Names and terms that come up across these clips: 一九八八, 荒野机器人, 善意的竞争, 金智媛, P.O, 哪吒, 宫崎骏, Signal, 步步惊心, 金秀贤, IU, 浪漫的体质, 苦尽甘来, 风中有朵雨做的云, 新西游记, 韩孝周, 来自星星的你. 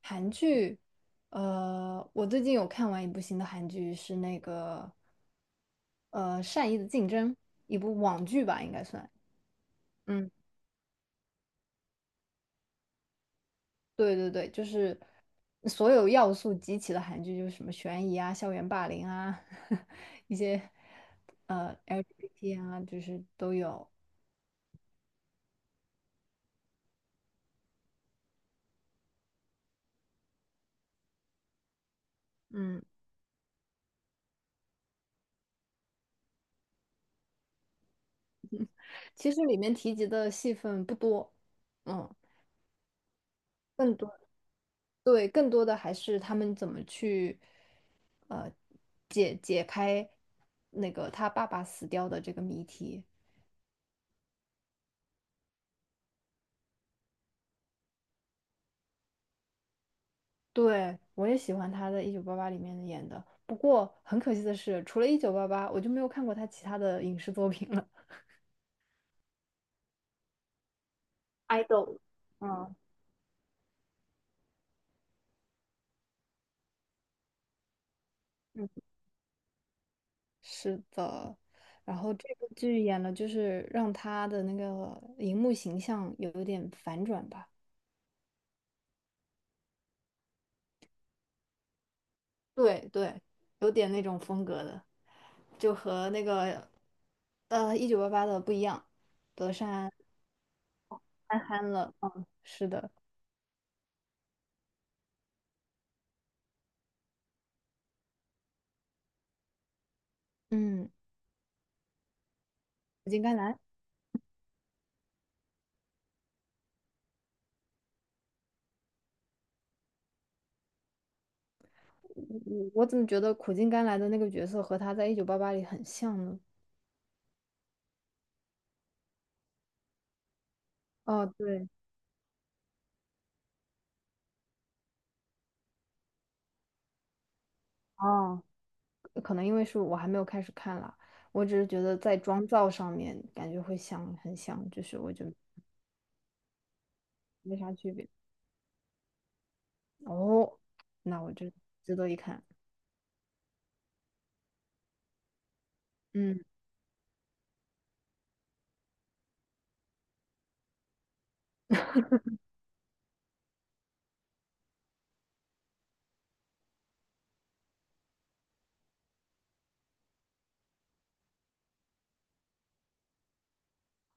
韩剧，我最近有看完一部新的韩剧，是那个《善意的竞争》，一部网剧吧，应该算。嗯，对对对，就是所有要素集齐的韩剧，就是什么悬疑啊、校园霸凌啊，一些LGBT 啊，就是都有。嗯，其实里面提及的戏份不多，嗯，更多，对，更多的还是他们怎么去。解开那个他爸爸死掉的这个谜题。对，我也喜欢他在《一九八八》里面演的，不过很可惜的是，除了《一九八八》，我就没有看过他其他的影视作品了。idol，嗯嗯，是的，然后这部剧演了，就是让他的那个荧幕形象有一点反转吧。对对，有点那种风格的，就和那个《一九八八》的不一样，德善。憨憨了，嗯，是的，嗯，苦尽甘来，嗯我怎么觉得苦尽甘来的那个角色和他在《一九八八》里很像呢？哦，对，哦，可能因为是我还没有开始看啦，我只是觉得在妆造上面感觉会像，很像，就是我觉得没啥区别。哦，那我就值得一看，嗯，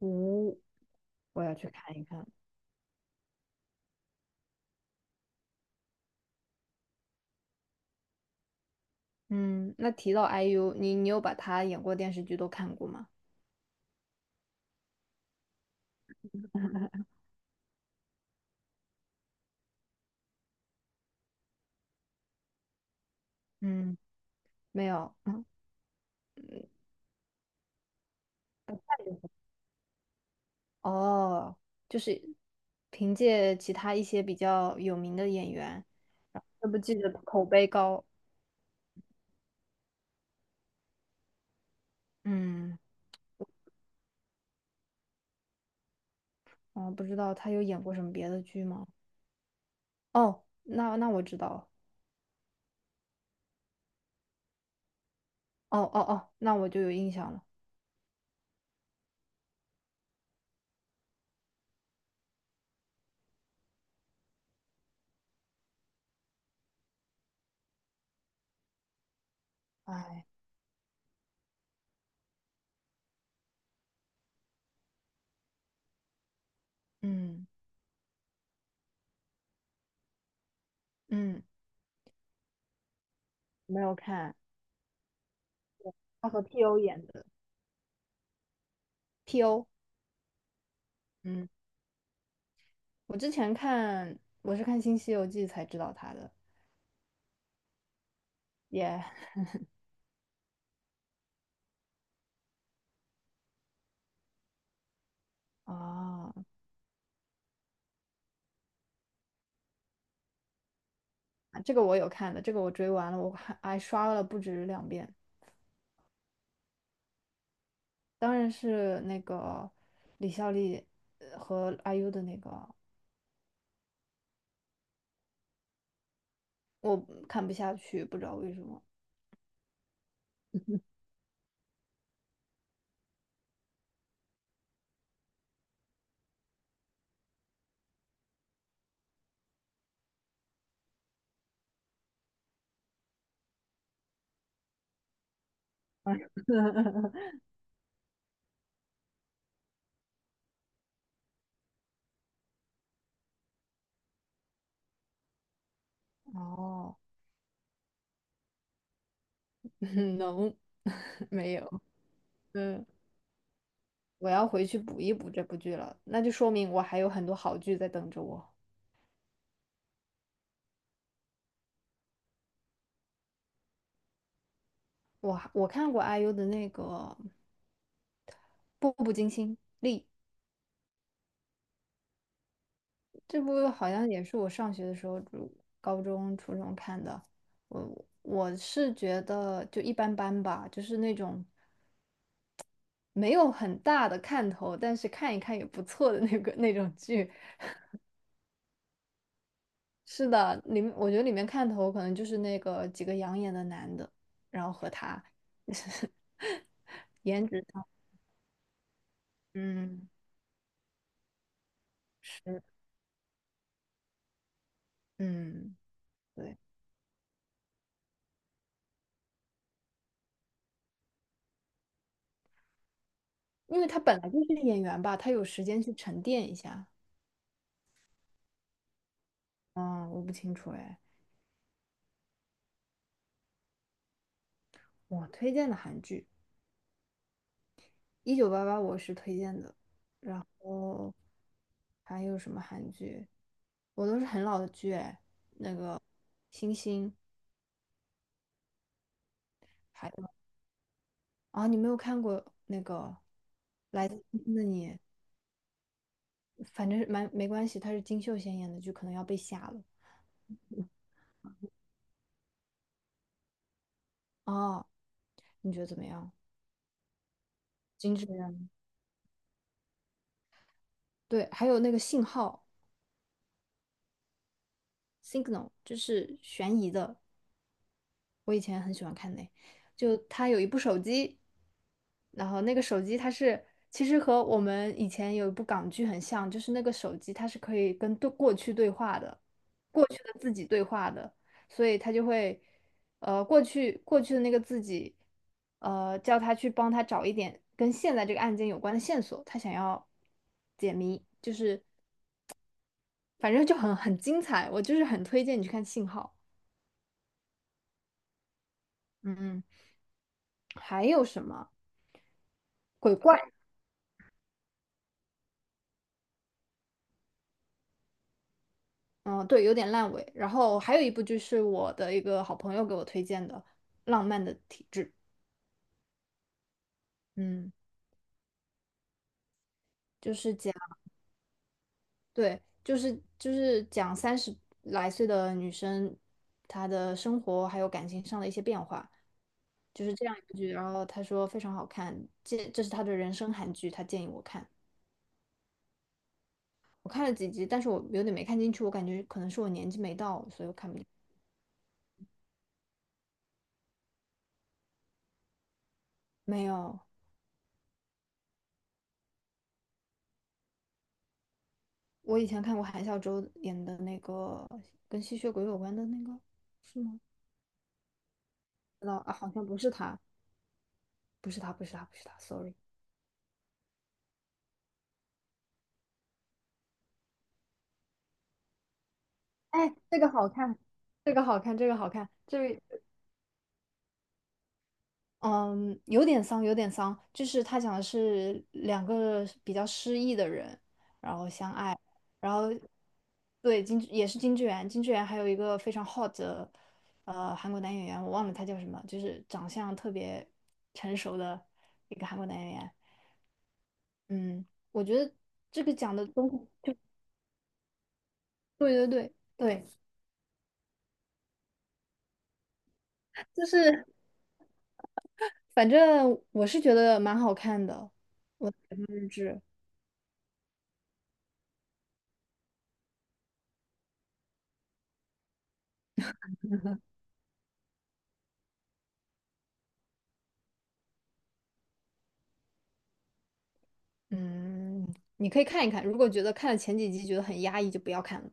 五、我要去看一看。嗯，那提到 IU，你有把他演过电视剧都看过吗？嗯，没有，嗯，嗯不看。哦，就是凭借其他一些比较有名的演员，然后这部剧的口碑高。嗯，我不知道他有演过什么别的剧吗？哦，那我知道了。哦哦哦，那我就有印象了。哎，嗯嗯，没有看他和 P.O 演的 P.O。嗯，我是看《新西游记》才知道他的。也啊 这个我有看的，这个我追完了，我还刷了不止两遍。当然是那个李孝利和 IU 的那个，我看不下去，不知道为什么。哦，能，没有，嗯，我要回去补一补这部剧了，那就说明我还有很多好剧在等着我。我看过 IU 的那个《步步惊心》丽，这部好像也是我上学的时候，就高中、初中看的。我是觉得就一般般吧，就是那种没有很大的看头，但是看一看也不错的那个那种剧。是的，里面我觉得里面看头可能就是那个几个养眼的男的，然后和他颜值上，嗯，是，嗯，对，因为他本来就是演员吧，他有时间去沉淀一下。嗯，我不清楚哎。我推荐的韩剧《一九八八》我是推荐的，然后还有什么韩剧？我都是很老的剧哎，那个《星星》。啊，你没有看过那个《来自星星的你》，反正是蛮没关系，他是金秀贤演的，就可能要被吓了。哦，你觉得怎么样？金智媛，对，还有那个信号 （Signal），就是悬疑的，我以前很喜欢看那，就他有一部手机，然后那个手机它是，其实和我们以前有一部港剧很像，就是那个手机它是可以跟对过去对话的，过去的自己对话的，所以它就会，过去的那个自己，叫他去帮他找一点跟现在这个案件有关的线索，他想要解谜，就是反正就很精彩，我就是很推荐你去看《信号》。嗯，还有什么鬼怪？嗯，对，有点烂尾。然后还有一部就是我的一个好朋友给我推荐的《浪漫的体质》，嗯，就是讲，对，就是讲30来岁的女生她的生活还有感情上的一些变化，就是这样一部剧。然后他说非常好看，这是他的人生韩剧，他建议我看。我看了几集，但是我有点没看进去，我感觉可能是我年纪没到，所以我看不进。没有，我以前看过韩孝周演的那个跟吸血鬼有关的那个。是吗？知道啊，好像不是他，不是他，不是他，不是他，sorry。哎，这个好看，这个好看，这个好看，这嗯，有点丧，有点丧，就是他讲的是两个比较失意的人，然后相爱，然后对金也是金智媛，金智媛还有一个非常 hot 的韩国男演员，我忘了他叫什么，就是长相特别成熟的一个韩国男演员，嗯，我觉得这个讲的东西，对对对对，就是。反正我是觉得蛮好看的日志，嗯，你可以看一看。如果觉得看了前几集觉得很压抑，就不要看了。